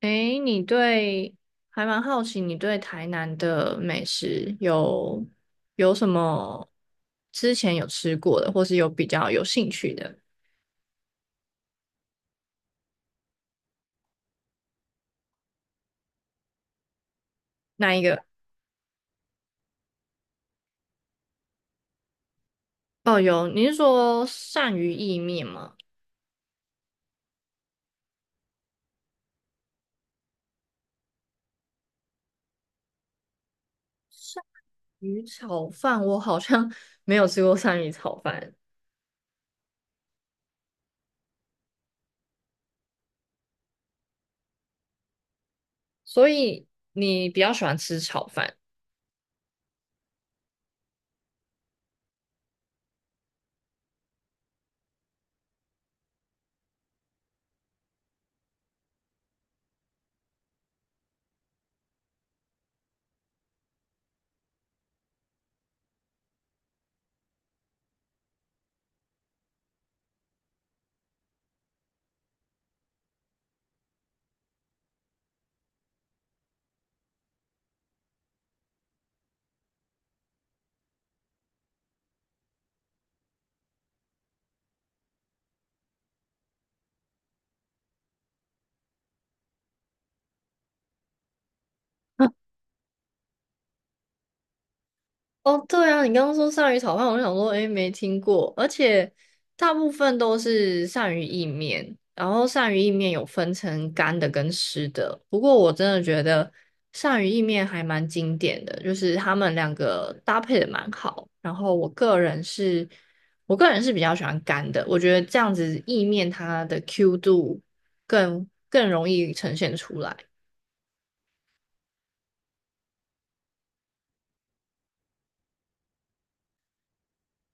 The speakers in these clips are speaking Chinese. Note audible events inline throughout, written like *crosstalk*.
诶，你对，还蛮好奇，你对台南的美食有什么之前有吃过的，或是有比较有兴趣的那一个？哦，有，你是说鳝鱼意面吗？鱼炒饭，我好像 *laughs* 没有吃过鳝鱼炒饭，所以你比较喜欢吃炒饭。哦，对啊，你刚刚说鳝鱼炒饭，我就想说，诶，没听过，而且大部分都是鳝鱼意面，然后鳝鱼意面有分成干的跟湿的。不过我真的觉得鳝鱼意面还蛮经典的，就是他们两个搭配的蛮好。然后我个人是比较喜欢干的，我觉得这样子意面它的 Q 度更容易呈现出来。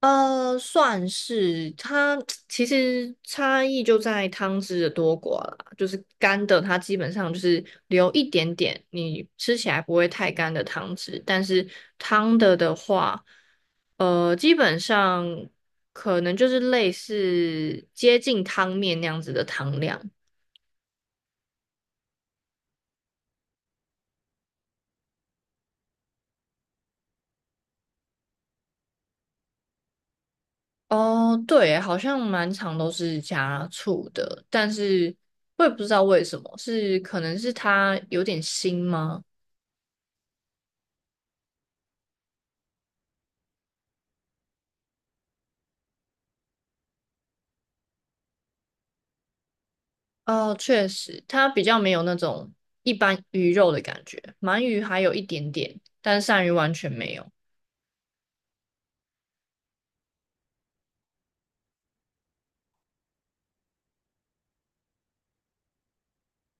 算是它 *tsk* 其实差异就在汤汁的多寡啦。就是干的，它基本上就是留一点点，你吃起来不会太干的汤汁。但是汤的话，基本上可能就是类似接近汤面那样子的汤量。哦，对，好像满场都是加醋的，但是我也不知道为什么，是可能是它有点腥吗？哦，确实，它比较没有那种一般鱼肉的感觉，鳗鱼还有一点点，但是鳝鱼完全没有。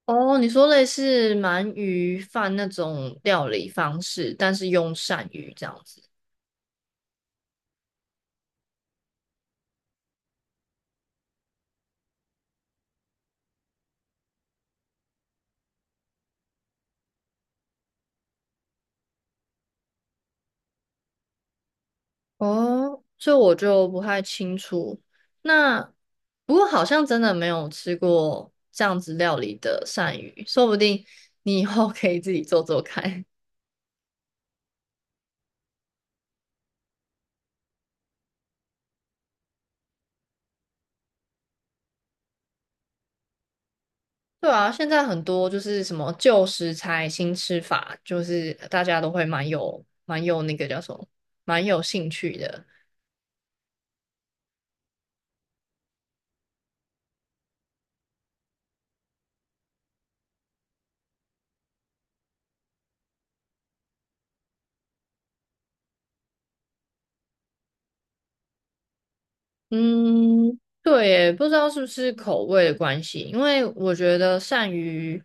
哦，你说类似鳗鱼饭那种料理方式，但是用鳝鱼这样子。哦，这我就不太清楚。那不过好像真的没有吃过这样子料理的鳝鱼，说不定你以后可以自己做做看。对啊，现在很多就是什么旧食材新吃法，就是大家都会蛮有那个叫什么，蛮有兴趣的。嗯，对耶，不知道是不是口味的关系，因为我觉得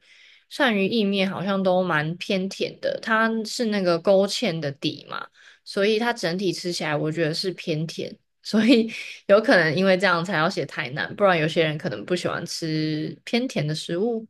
鳝鱼意面好像都蛮偏甜的，它是那个勾芡的底嘛，所以它整体吃起来我觉得是偏甜，所以 *laughs* 有可能因为这样才要写台南，不然有些人可能不喜欢吃偏甜的食物。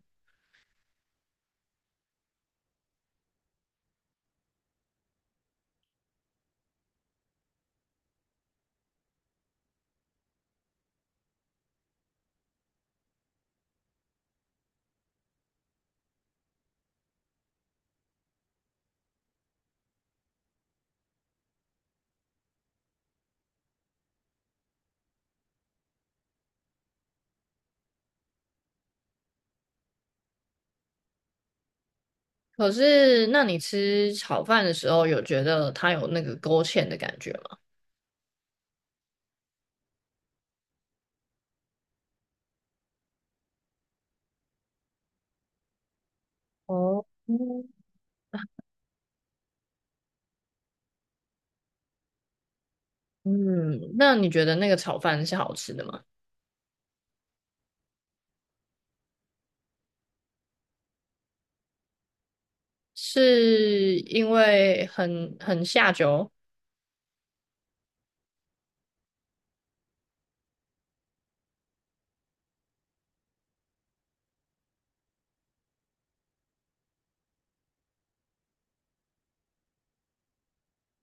可是，那你吃炒饭的时候，有觉得它有那个勾芡的感觉吗？哦，嗯。嗯，那你觉得那个炒饭是好吃的吗？是因为很下酒。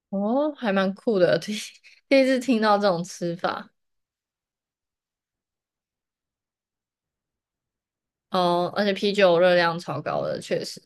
哦，还蛮酷的，*laughs* 第一次听到这种吃法。哦，而且啤酒热量超高的，确实。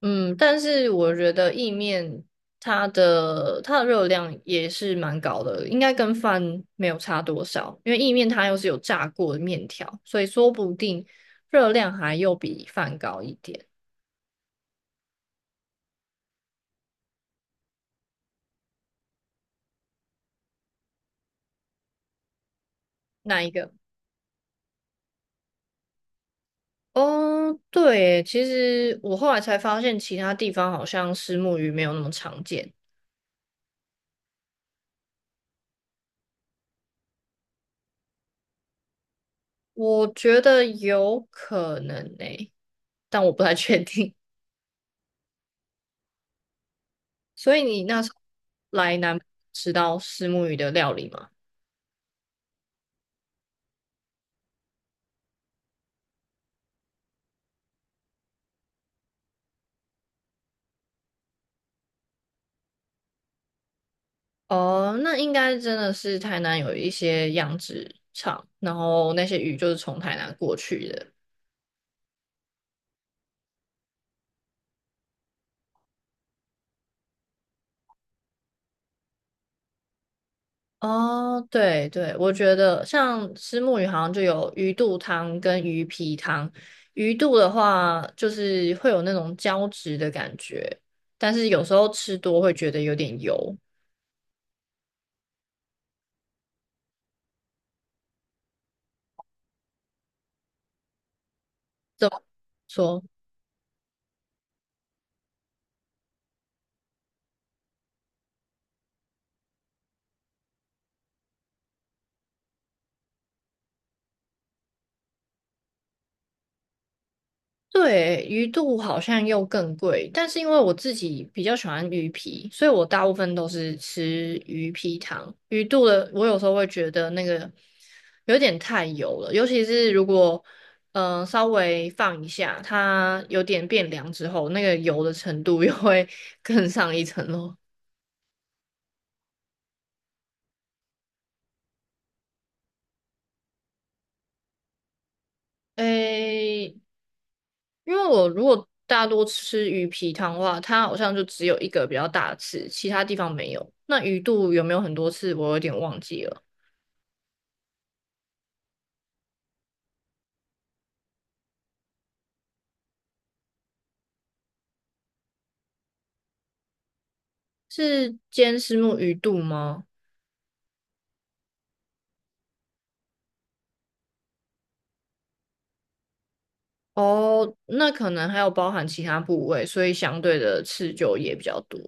嗯，但是我觉得意面它的热量也是蛮高的，应该跟饭没有差多少，因为意面它又是有炸过的面条，所以说不定热量还又比饭高一点。哪一个？哦，对耶，其实我后来才发现，其他地方好像虱目鱼没有那么常见。我觉得有可能诶，但我不太确定。*laughs* 所以你那时候来南部吃到虱目鱼的料理吗？哦，那应该真的是台南有一些养殖场，然后那些鱼就是从台南过去的。哦，对对，我觉得像虱目鱼好像就有鱼肚汤跟鱼皮汤。鱼肚的话，就是会有那种胶质的感觉，但是有时候吃多会觉得有点油。怎么说？对，鱼肚好像又更贵，但是因为我自己比较喜欢鱼皮，所以我大部分都是吃鱼皮汤。鱼肚的，我有时候会觉得那个有点太油了，尤其是如果稍微放一下，它有点变凉之后，那个油的程度又会 *laughs* 更上一层楼。诶，因为我如果大多吃鱼皮汤的话，它好像就只有一个比较大的刺，其他地方没有。那鱼肚有没有很多刺，我有点忘记了。是煎虱目鱼肚吗？哦，那可能还有包含其他部位，所以相对的刺就也比较多。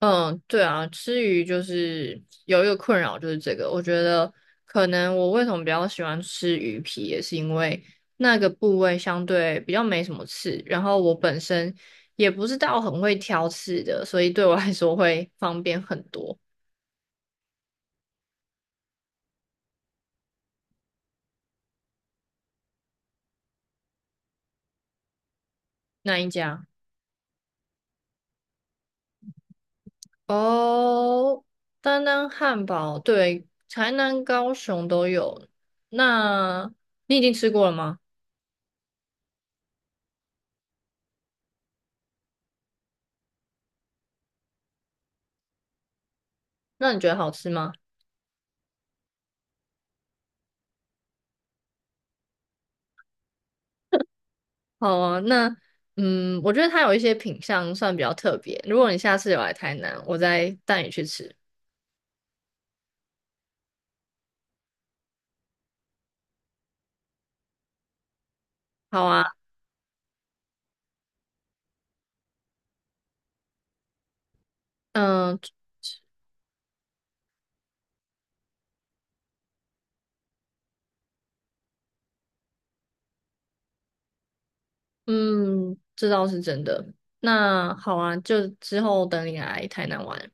嗯，对啊，吃鱼就是有一个困扰，就是这个。我觉得可能我为什么比较喜欢吃鱼皮，也是因为那个部位相对比较没什么刺，然后我本身也不是到很会挑刺的，所以对我来说会方便很多。那一家。哦，丹丹汉堡，对，台南、高雄都有。那你已经吃过了吗？那你觉得好吃吗？好啊，那嗯，我觉得它有一些品相算比较特别。如果你下次有来台南，我再带你去吃。好啊，嗯嗯，这倒是真的。那好啊，就之后等你来台南玩。